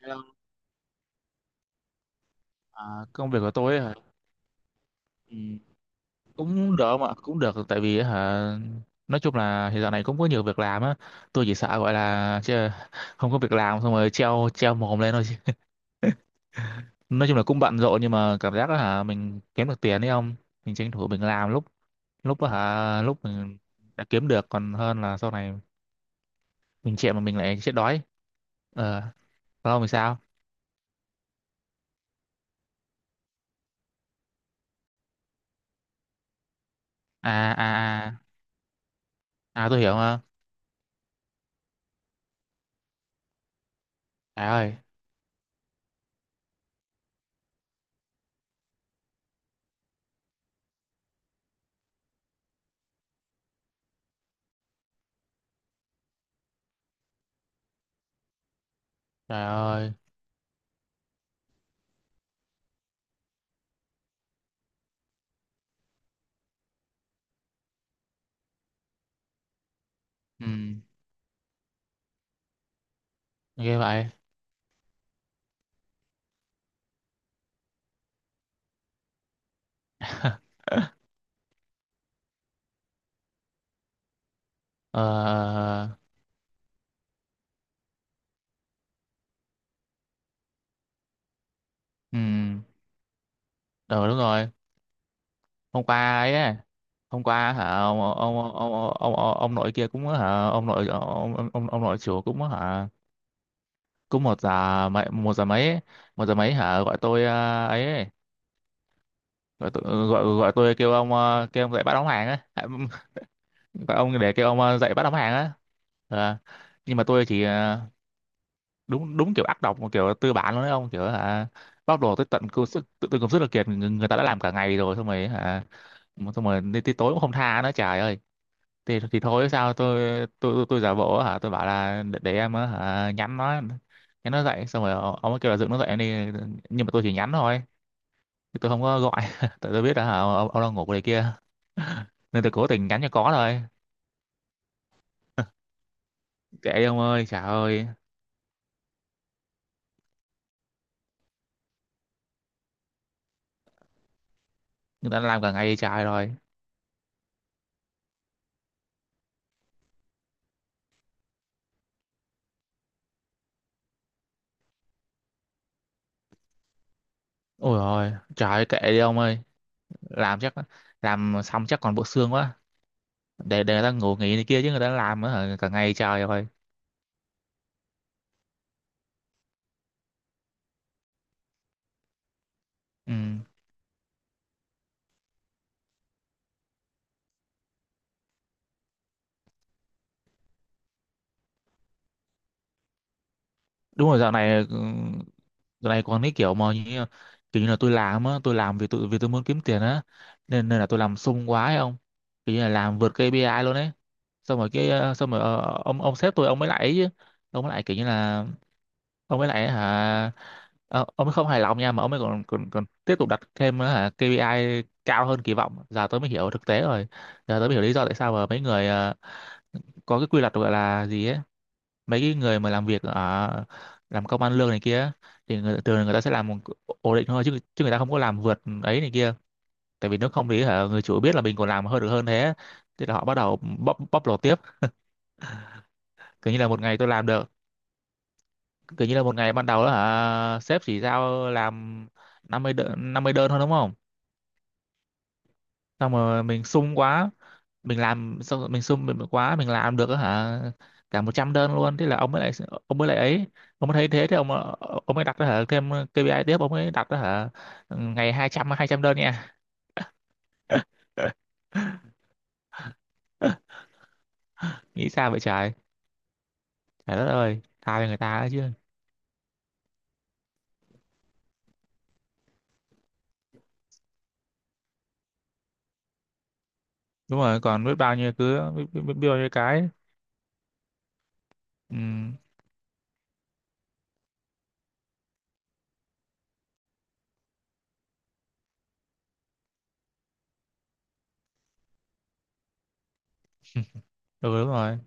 Hello. À, Công việc của tôi hả? Ừ, cũng được mà cũng được. Tại vì hả, nói chung là hiện giờ này cũng có nhiều việc làm á. Tôi chỉ sợ gọi là chứ không có việc làm xong rồi treo treo mồm lên thôi. Nói chung là cũng bận rộn, nhưng mà cảm giác là hả mình kiếm được tiền đấy không, mình tranh thủ mình làm lúc lúc hả lúc mình đã kiếm được, còn hơn là sau này mình chạy mà mình lại chết đói. Ờ, còn không thì sao? à à à tôi hiểu mà. Trời ơi, trời ơi. Ừ, ghê vậy. Ờ, ừ, ừ, đúng rồi. Hôm qua ấy, á, hôm qua hả ông nội kia cũng hả, ông nội chủ cũng hả, cũng một giờ mấy ấy, một giờ mấy hả, gọi tôi ờ, ấy, ấy, gọi tôi gọi gọi tôi kêu ông kêu ông dậy bắt đóng hàng á. À, gọi ông để kêu ông dậy bắt đóng hàng á. Ờ, nhưng mà tôi chỉ đúng đúng kiểu ác độc mà, kiểu tư bản luôn đấy ông, kiểu hả bóc lột tới tận công sức, tự, tự công sức là kiệt người ta đã làm cả ngày rồi, xong rồi hả mà xong rồi đến tới tối cũng không tha nữa. Trời ơi, thì thôi sao tôi, tôi giả bộ hả, tôi bảo là để em á, hả nhắn nó, nhắn nó dậy. Xong rồi ông ấy kêu là dựng nó dậy em đi, nhưng mà tôi chỉ nhắn thôi chứ tôi không có gọi. Tại tôi biết là hả, ông đang ngủ ở đây kia, nên tôi cố tình nhắn cho có thôi. Kệ đi ông ơi, trời ơi, người ta đã làm cả ngày trời rồi. Ôi rồi trời, kệ đi ông ơi. Làm chắc, làm xong chắc còn bộ xương quá. Để người ta ngủ nghỉ này kia chứ, người ta làm á hả, cả ngày trời rồi. Ừ, đúng rồi. Dạo này ừ, dạo này còn cái kiểu mà như, kiểu như là tôi làm á, tôi làm vì tôi muốn kiếm tiền á, nên nên là tôi làm sung quá ấy ông, kiểu như là làm vượt KPI luôn ấy. Xong rồi cái xong rồi ông sếp tôi, ông mới lại ấy chứ, ông mới lại kiểu như là ông ấy lại hả, ờ, ông ấy không hài lòng nha, mà ông ấy còn còn còn tiếp tục đặt thêm hả KPI cao hơn kỳ vọng. Giờ tôi mới hiểu thực tế rồi, giờ tôi mới hiểu lý do tại sao mà mấy người ờ, có cái quy luật gọi là gì ấy, mấy cái người mà làm việc ở làm công ăn lương này kia thì thường người ta sẽ làm một- ổn định thôi, chứ chứ người ta không có làm vượt ấy này kia. Tại vì nếu không thì hả, người chủ biết là mình còn làm hơn được hơn thế, thế là họ bắt đầu bóc bóc lột tiếp. Kiểu như là một ngày tôi làm được, kiểu như là một ngày ban đầu đó hả, sếp chỉ giao làm 50 đơn, thôi đúng không. Xong rồi mình sung quá, mình làm xong rồi mình sung mình quá, mình làm được á hả cả 100 đơn luôn. Thế là ông mới lại, ông mới lại ấy ông mới thấy thế thì ông mới đặt đó hả thêm KPI tiếp, ông mới đặt đó hả, ngày hai trăm, đơn nha. Nghĩ sao vậy trời? Trời đất ơi, tha cho người ta ấy chứ. Đúng rồi, còn biết bao nhiêu, biết bao nhiêu cái. Ừ, ừ đúng rồi.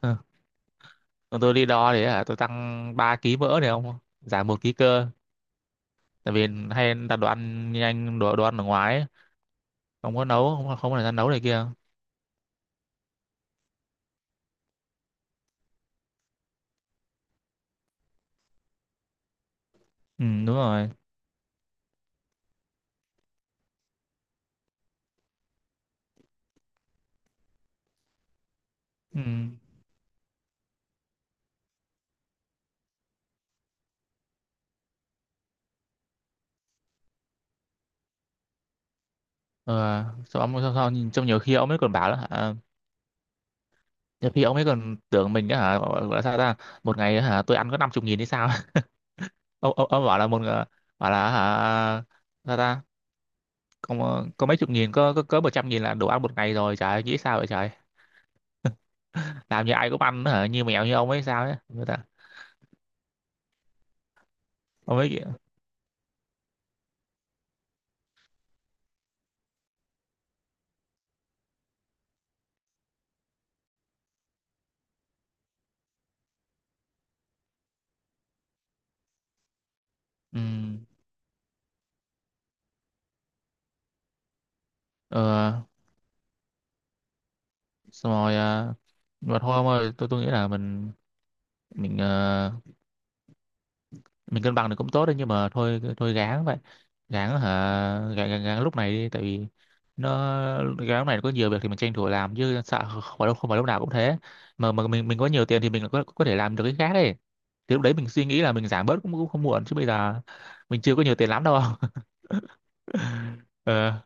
Ờ. Còn tôi đi đo thì hả, tôi tăng 3 ký mỡ này không? Giảm một ký cơ. Tại vì hay đặt đồ ăn nhanh, đồ ăn ở ngoài ấy. Không có nấu, không có thời gian nấu này kia. Ừ, đúng rồi. Ừ. Ờ, sao nhìn, trong nhiều khi ông ấy còn bảo là hả, nhiều khi ông ấy còn tưởng mình á hả, gọi là sao ta, một ngày hả, tôi ăn có năm chục nghìn hay sao? Ông bảo là một bảo là hả, sao ta, có mấy chục nghìn, có 100 nghìn là đủ ăn một ngày rồi. Trời ơi, nghĩ sao vậy trời? Làm như ai cũng ăn hả, như mèo như ông ấy sao ấy. Người ta- ông ấy ừ, ờ, xong rồi à, mà thôi ông ơi, tôi nghĩ là mình mình ờ, mình cân bằng được cũng tốt đấy, nhưng mà thôi thôi gán vậy. gán hả gán, lúc này đi. Tại vì nó gán lúc này có nhiều việc thì mình tranh thủ làm, chứ sợ không phải lúc nào cũng thế. Mà mình có nhiều tiền thì mình có thể làm được cái khác đấy, thì lúc đấy mình suy nghĩ là mình giảm bớt cũng cũng không muộn, chứ bây giờ mình chưa có nhiều tiền lắm đâu. Ờ,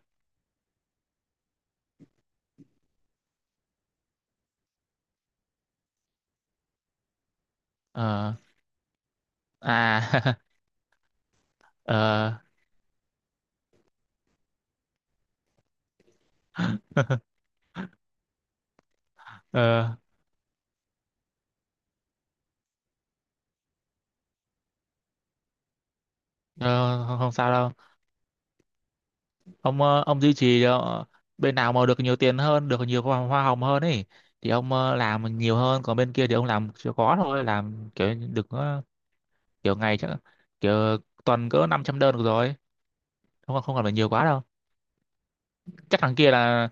ờ, à. Ờ, ờ, ờ, không không sao đâu. Ông ông duy trì bên nào mà được nhiều tiền hơn, được nhiều hoa hồng hơn ấy, thì ông làm nhiều hơn, còn bên kia thì ông làm chưa có thôi, làm kiểu được kiểu ngày chắc, kiểu tuần cỡ 500 đơn được rồi, không không cần phải nhiều quá đâu. Chắc thằng kia là,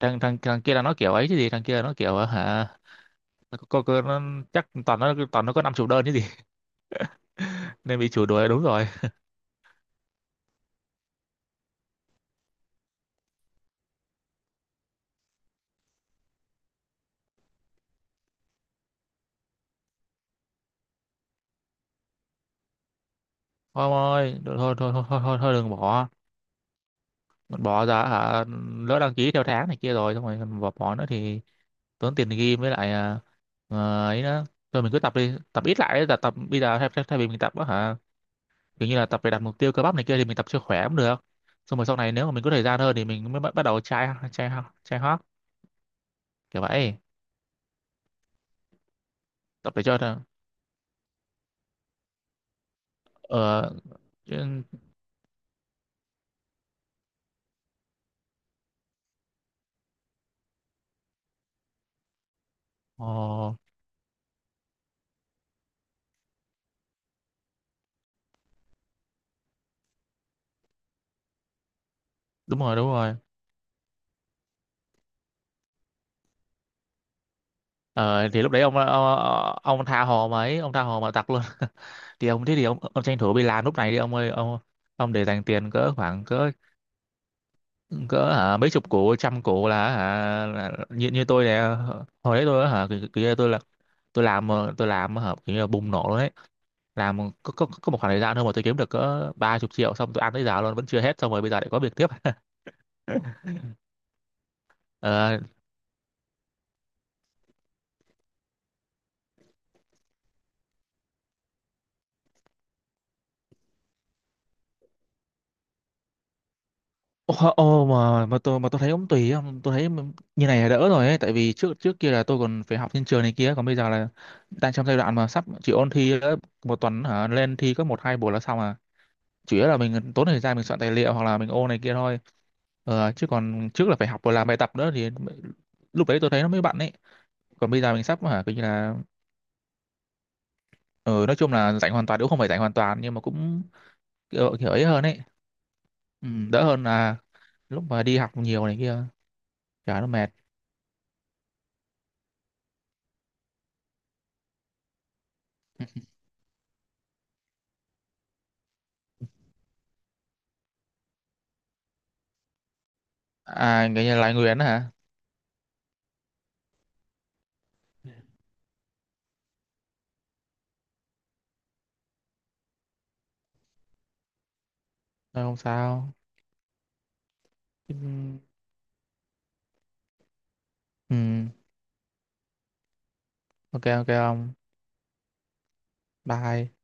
thằng thằng thằng kia là nó kiểu ấy chứ gì. Thằng kia là nó kiểu ờ, hả nó, chắc toàn nó, có năm chục đơn chứ gì. Nên bị chủ đuổi đúng rồi. Ông ơi, thôi thôi thôi thôi thôi, thôi đừng bỏ, bỏ ra hả, lỡ đăng ký theo tháng này kia rồi xong rồi còn bỏ, bỏ nữa thì tốn tiền gym, với lại à, ờ, ấy đó, thôi mình cứ tập đi, tập ít lại đấy, là tập bây giờ thay vì mình tập á hả, kiểu như là tập để đạt mục tiêu cơ bắp này kia, thì mình tập cho khỏe cũng được. Xong rồi sau này nếu mà mình có thời gian hơn thì mình mới bắt bắt đầu chai chai chai hót, kiểu vậy. Tập để cho nó- ờ, chứ- ờ, đúng rồi, đúng rồi. Ờ thì lúc đấy ông tha hồ mà ấy, ông tha hồ mà tập luôn. Thì ông, ông tranh thủ đi làm lúc này đi ông ơi ông để dành tiền cỡ khoảng cỡ cỡ hả mấy chục củ trăm củ là hả như như tôi nè. Hồi đấy tôi á hả kiểu như tôi là, tôi làm ờ, tôi làm hả kiểu như là bùng nổ luôn đấy, làm có một khoảng thời gian thôi mà tôi kiếm được cỡ ba chục triệu, xong tôi ăn tới giờ luôn vẫn chưa hết, xong rồi bây giờ lại có việc tiếp. Ờ. Ô, ô, mà tôi thấy cũng tùy á, tôi thấy như này là đỡ rồi ấy. Tại vì trước trước kia là tôi còn phải học trên trường này kia, còn bây giờ là đang trong giai đoạn mà sắp chỉ ôn thi nữa, một tuần hả lên thi có một hai buổi là xong à, chủ yếu là mình tốn thời gian mình soạn tài liệu hoặc là mình ô này kia thôi. Ờ, chứ còn trước là phải học và làm bài tập nữa thì lúc đấy tôi thấy nó mới bận ấy. Còn bây giờ mình sắp hả coi như là ờ, nói chung là rảnh hoàn toàn, cũng không phải rảnh hoàn toàn nhưng mà cũng kiểu ấy hơn ấy. Ừ, đỡ hơn là lúc mà đi học nhiều này kia, chả nó mệt. À, cái nhà Lai Nguyễn hả. Thôi không sao. Ừ, ok ok ông, bye.